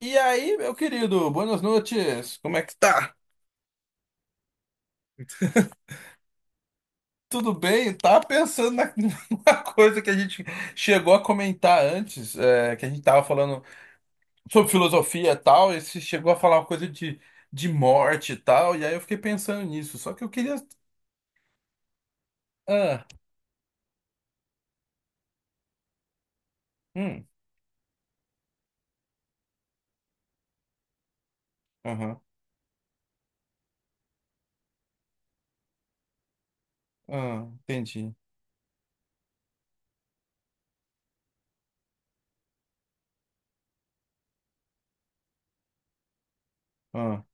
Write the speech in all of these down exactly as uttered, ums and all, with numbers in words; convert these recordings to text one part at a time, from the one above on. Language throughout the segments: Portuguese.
E aí, meu querido, boas noites. Como é que tá? Tudo bem? Tava pensando na- numa coisa que a gente chegou a comentar antes, é, que a gente tava falando sobre filosofia e tal, e você chegou a falar uma coisa de, de morte e tal, e aí eu fiquei pensando nisso. Só que eu queria. Ah, hum, aham, ah, entendi. Ah,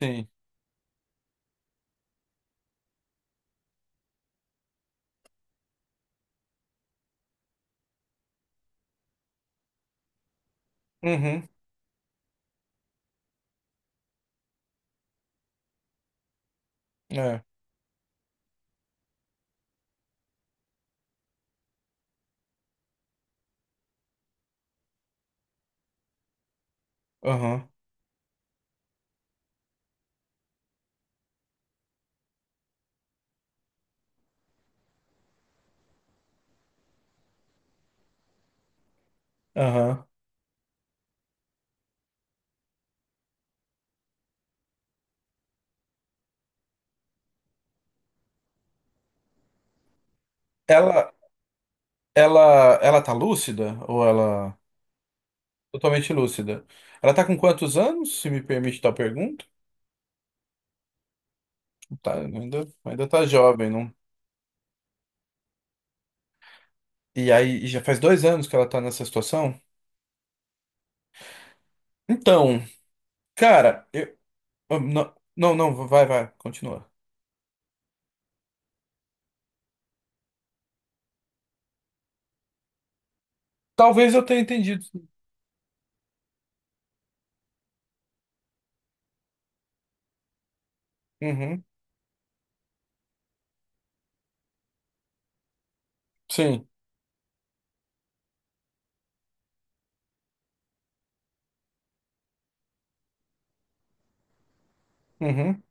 sim. Uhum, é, aham, aham. Ela, ela, ela tá lúcida? Ou ela. Totalmente lúcida. Ela tá com quantos anos, se me permite tal pergunta? Tá, ainda, ainda tá jovem, não? E aí, e já faz dois anos que ela tá nessa situação? Então, cara, eu. eu- Não, não, não, vai, vai, continua. Talvez eu tenha entendido. Uhum, sim, uhum,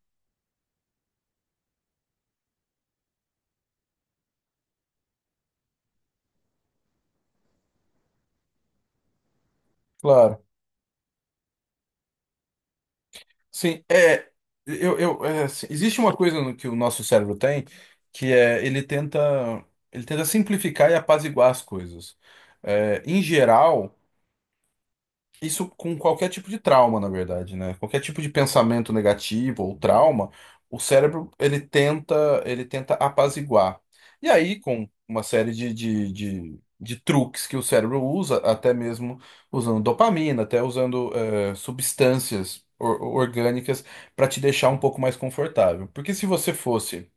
claro. Sim, é. Eu, eu, é, assim, existe uma coisa no que o nosso cérebro tem, que é ele tenta, ele tenta simplificar e apaziguar as coisas. É, em geral. Isso com qualquer tipo de trauma, na verdade, né? Qualquer tipo de pensamento negativo ou trauma, o cérebro ele tenta, ele tenta apaziguar. E aí, com uma série de, de, de, de truques que o cérebro usa, até mesmo usando dopamina, até usando eh, substâncias or- orgânicas para te deixar um pouco mais confortável. Porque se você fosse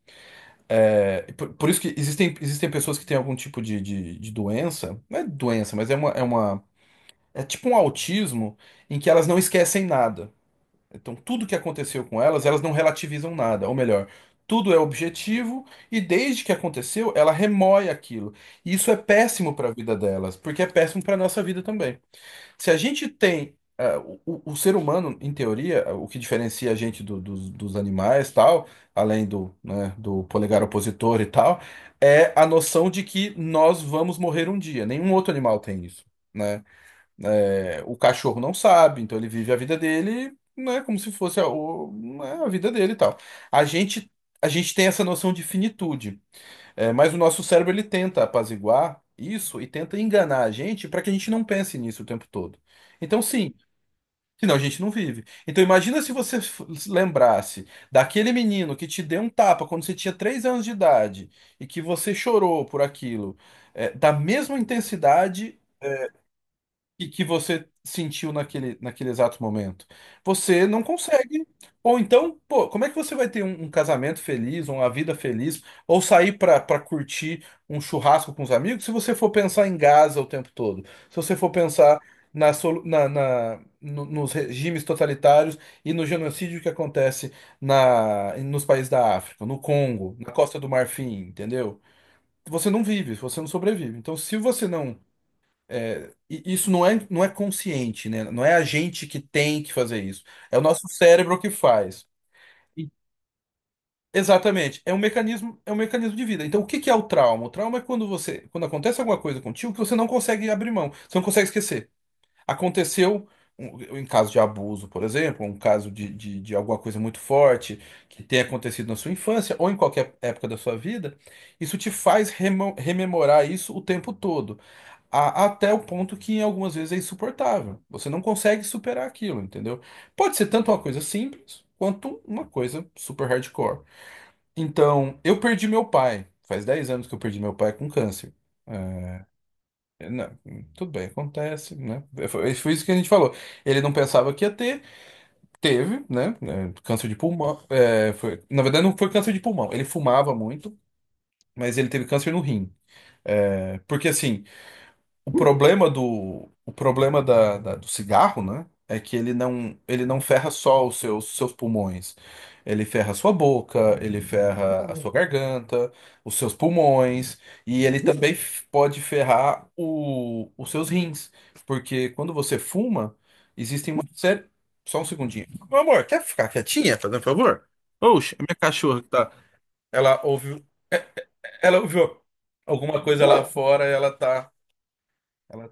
eh, por, por isso que existem, existem pessoas que têm algum tipo de, de, de doença, não é doença, mas é uma, é uma é tipo um autismo em que elas não esquecem nada. Então, tudo que aconteceu com elas, elas não relativizam nada. Ou melhor, tudo é objetivo e desde que aconteceu, ela remoe aquilo. E isso é péssimo para a vida delas, porque é péssimo para a nossa vida também. Se a gente tem. ah, o, o- o ser humano, em teoria, é, o que diferencia a gente do- dos, dos animais, tal, além do, né, do polegar opositor e tal, é a noção de que nós vamos morrer um dia. Nenhum outro animal tem isso, né? É, o cachorro não sabe, então ele vive a vida dele, né, como se fosse a, o- né, a vida dele e tal. A gente, a gente tem essa noção de finitude, é, mas o nosso cérebro ele tenta apaziguar isso e tenta enganar a gente para que a gente não pense nisso o tempo todo. Então, sim, senão a gente não vive. Então, imagina se você f- se lembrasse daquele menino que te deu um tapa quando você tinha três anos de idade e que você chorou por aquilo, é, da mesma intensidade e que você sentiu naquele, naquele exato momento. Você não consegue. Ou então, pô, como é que você vai ter um, um casamento feliz, uma vida feliz, ou sair pra para curtir um churrasco com os amigos, se você for pensar em Gaza o tempo todo? Se você for pensar na, solu- na, na- no- nos regimes totalitários e no genocídio que acontece na, nos países da África, no Congo, na Costa do Marfim, entendeu? Você não vive, você não sobrevive. Então, se você não é, e isso não é, não é consciente, né? Não é a gente que tem que fazer isso. É o nosso cérebro que faz. E- Exatamente. É um mecanismo, é um mecanismo de vida. Então, o que que é o trauma? O trauma é quando você, quando acontece alguma coisa contigo que você não consegue abrir mão, você não consegue esquecer. Aconteceu um- em caso de abuso, por exemplo, um caso de, de, de alguma coisa muito forte que tenha acontecido na sua infância ou em qualquer época da sua vida, isso te faz remo- rememorar isso o tempo todo a- até o ponto que algumas vezes é insuportável. Você não consegue superar aquilo, entendeu? Pode ser tanto uma coisa simples quanto uma coisa super hardcore. Então, eu perdi meu pai. Faz dez anos que eu perdi meu pai com câncer. É, não, tudo bem, acontece, né? É, Foi, é, foi isso que a gente falou. Ele não pensava que ia ter, teve, né? É, Câncer de pulmão. é, foi- na verdade, não foi câncer de pulmão. Ele fumava muito, mas ele teve câncer no rim. É, porque assim. O problema do, o problema da, da- do cigarro, né? É que ele não, ele não ferra só os seus, seus pulmões. Ele ferra a sua boca, ele ferra a sua garganta, os seus pulmões, e ele também f- pode ferrar o, os seus rins. Porque quando você fuma, existem uma série. Só um segundinho. Meu amor, quer ficar quietinha, fazendo um favor? Oxe, a minha cachorra que tá. Ela ouviu, ela ouviu alguma coisa lá fora, ela tá. ela-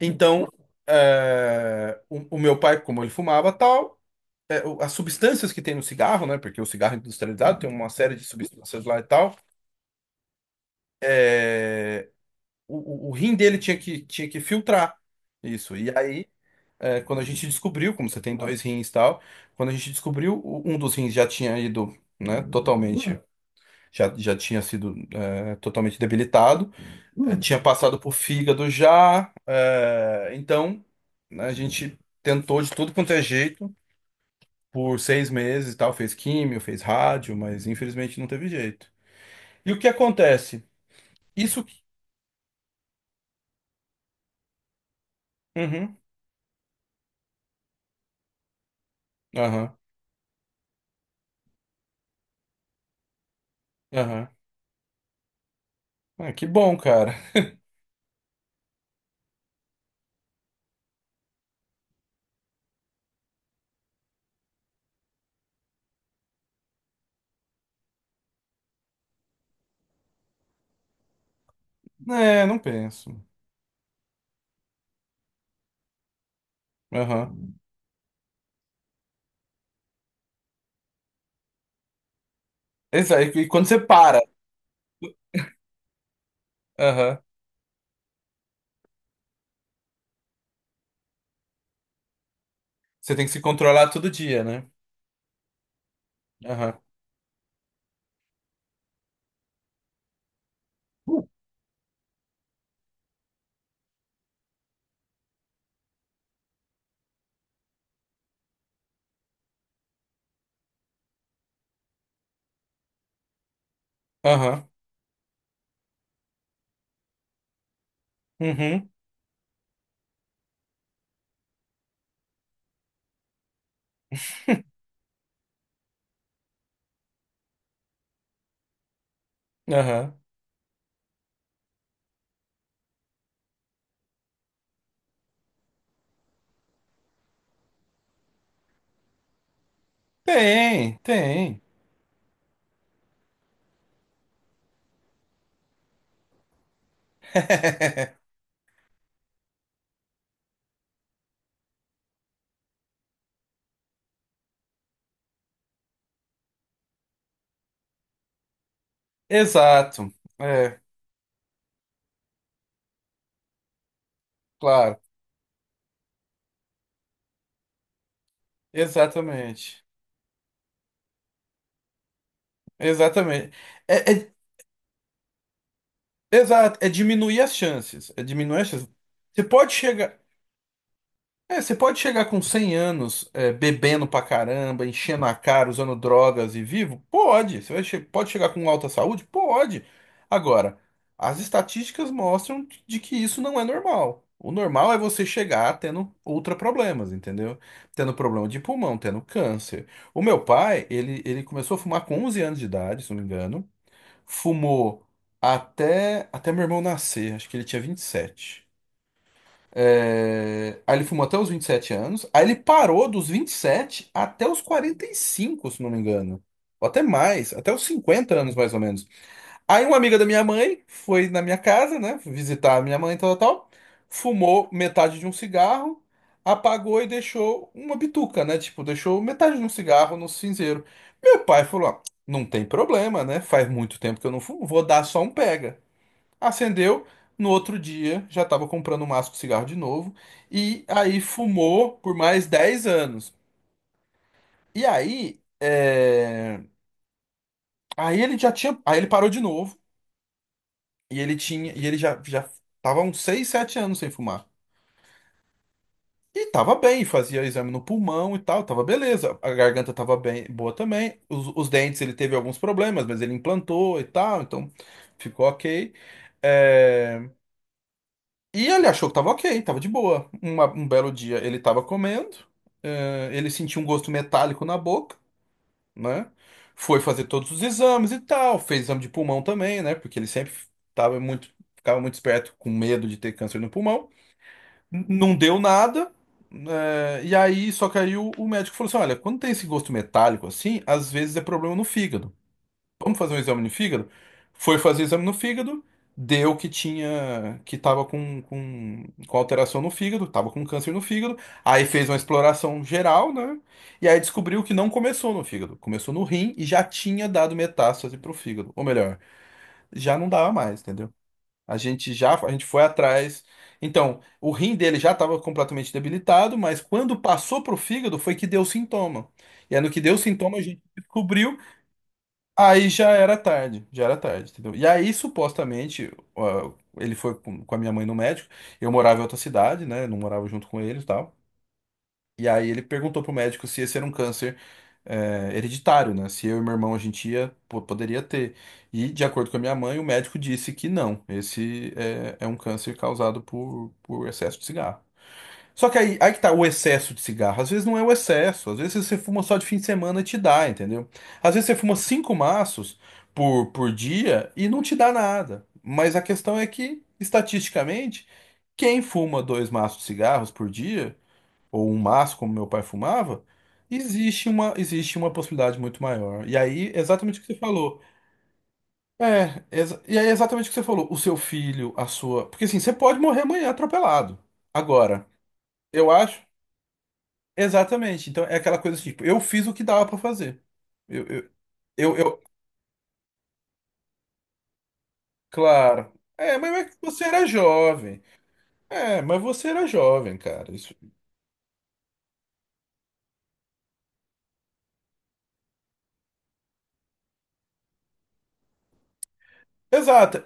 Então, é, o, o meu pai, como ele fumava tal, é, o- as substâncias que tem no cigarro, né? Porque o cigarro industrializado tem uma série de substâncias lá e tal. O, o, o rim dele tinha que, tinha que filtrar isso. E aí, é, quando a gente descobriu, como você tem dois rins e tal, quando a gente descobriu, o- um dos rins já tinha ido, né? Totalmente, já, já tinha sido, é, totalmente debilitado. É, tinha passado por fígado já. É, então, né, a gente tentou de tudo quanto é jeito por seis meses e tal, fez químio, fez rádio, mas infelizmente não teve jeito. E o que acontece? Isso. que- Uhum, aham, aham. Ah, que bom, cara. É, não penso. Aham. Exa- E quando você para, aham, você tem que se controlar todo dia, né? Aham, aham, uhum, aham. Tem, tem. Exato. É, claro. Exatamente. Exatamente. É, é- exato, é diminuir as chances. É diminuir as chances. Você pode chegar. É, você pode chegar com cem anos, é, bebendo pra caramba, enchendo a cara, usando drogas e vivo? Pode. Você vai che- pode chegar com alta saúde? Pode. Agora, as estatísticas mostram de que isso não é normal. O normal é você chegar tendo ultra problemas, entendeu? Tendo problema de pulmão, tendo câncer. O meu pai, ele, ele começou a fumar com onze anos de idade, se não me engano. Fumou até, até meu irmão nascer, acho que ele tinha vinte e sete. É, Aí ele fumou até os vinte e sete anos. Aí ele parou dos vinte e sete até os quarenta e cinco, se não me engano. Ou até mais, até os cinquenta anos mais ou menos. Aí uma amiga da minha mãe foi na minha casa, né? Visitar a minha mãe, tal, tal. tal, Fumou metade de um cigarro, apagou e deixou uma bituca, né? Tipo, deixou metade de um cigarro no cinzeiro. Meu pai falou: "Ah, não tem problema, né? Faz muito tempo que eu não fumo, vou dar só um pega." Acendeu, no outro dia já estava comprando um maço de cigarro de novo, e aí fumou por mais dez anos. E aí, é, aí ele já tinha, aí ele parou de novo, e ele tinha, e ele já já tava uns seis sete anos sem fumar. E tava bem, fazia exame no pulmão e tal, tava beleza. A garganta tava bem, boa também. Os, os dentes ele teve alguns problemas, mas ele implantou e tal, então ficou ok. É, E ele achou que tava ok, tava de boa. Uma- um belo dia ele tava comendo, eh, ele sentiu um gosto metálico na boca, né? Foi fazer todos os exames e tal, fez exame de pulmão também, né? Porque ele sempre tava muito, ficava muito esperto, com medo de ter câncer no pulmão. N- Não deu nada, eh, e aí, só que aí o, o médico falou assim: olha, quando tem esse gosto metálico assim, às vezes é problema no fígado, vamos fazer um exame no fígado? Foi fazer exame no fígado, deu que tinha, que tava com, com, com alteração no fígado, tava com câncer no fígado, aí fez uma exploração geral, né? E aí descobriu que não começou no fígado, começou no rim e já tinha dado metástase pro fígado. Ou melhor, já não dava mais, entendeu? A gente já, a gente foi atrás. Então, o rim dele já estava completamente debilitado, mas quando passou pro fígado foi que deu sintoma. E aí no que deu sintoma a gente descobriu. Aí já era tarde, já era tarde, entendeu? E aí, supostamente, ó, ele foi com com a minha mãe no médico. Eu morava em outra cidade, né? Não morava junto com ele e tal. E aí ele perguntou pro médico se esse era um câncer é, hereditário, né? Se eu e meu irmão a gente ia, po- poderia ter. E, de acordo com a minha mãe, o médico disse que não. Esse é, é um câncer causado por, por excesso de cigarro. Só que aí, aí que tá o excesso de cigarro. Às vezes não é o excesso. Às vezes você fuma só de fim de semana e te dá, entendeu? Às vezes você fuma cinco maços por, por dia e não te dá nada. Mas a questão é que, estatisticamente, quem fuma dois maços de cigarros por dia, ou um maço, como meu pai fumava, existe uma, existe uma possibilidade muito maior. E aí, exatamente o que você falou. É, exa- e aí exatamente o que você falou. O seu filho, a sua. Porque assim, você pode morrer amanhã atropelado. Agora. Eu acho. Exatamente. Então é aquela coisa assim, tipo, eu fiz o que dava pra fazer. Eu, eu, eu, eu- Claro. É, mas mas você era jovem. É, mas você era jovem, cara. Isso... Exato,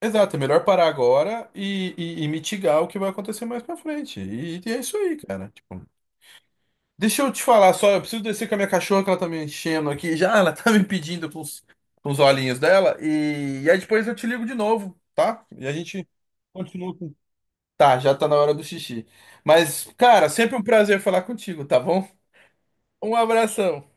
exato. É melhor parar agora e, e, e mitigar o que vai acontecer mais pra frente. E, e é isso aí, cara. Tipo, deixa eu te falar só, eu preciso descer com a minha cachorra que ela tá me enchendo aqui. Já ela tá me pedindo com os, com os olhinhos dela. E, e aí depois eu te ligo de novo, tá? E a gente continua com. Tá, já tá na hora do xixi. Mas, cara, sempre um prazer falar contigo, tá bom? Um abração.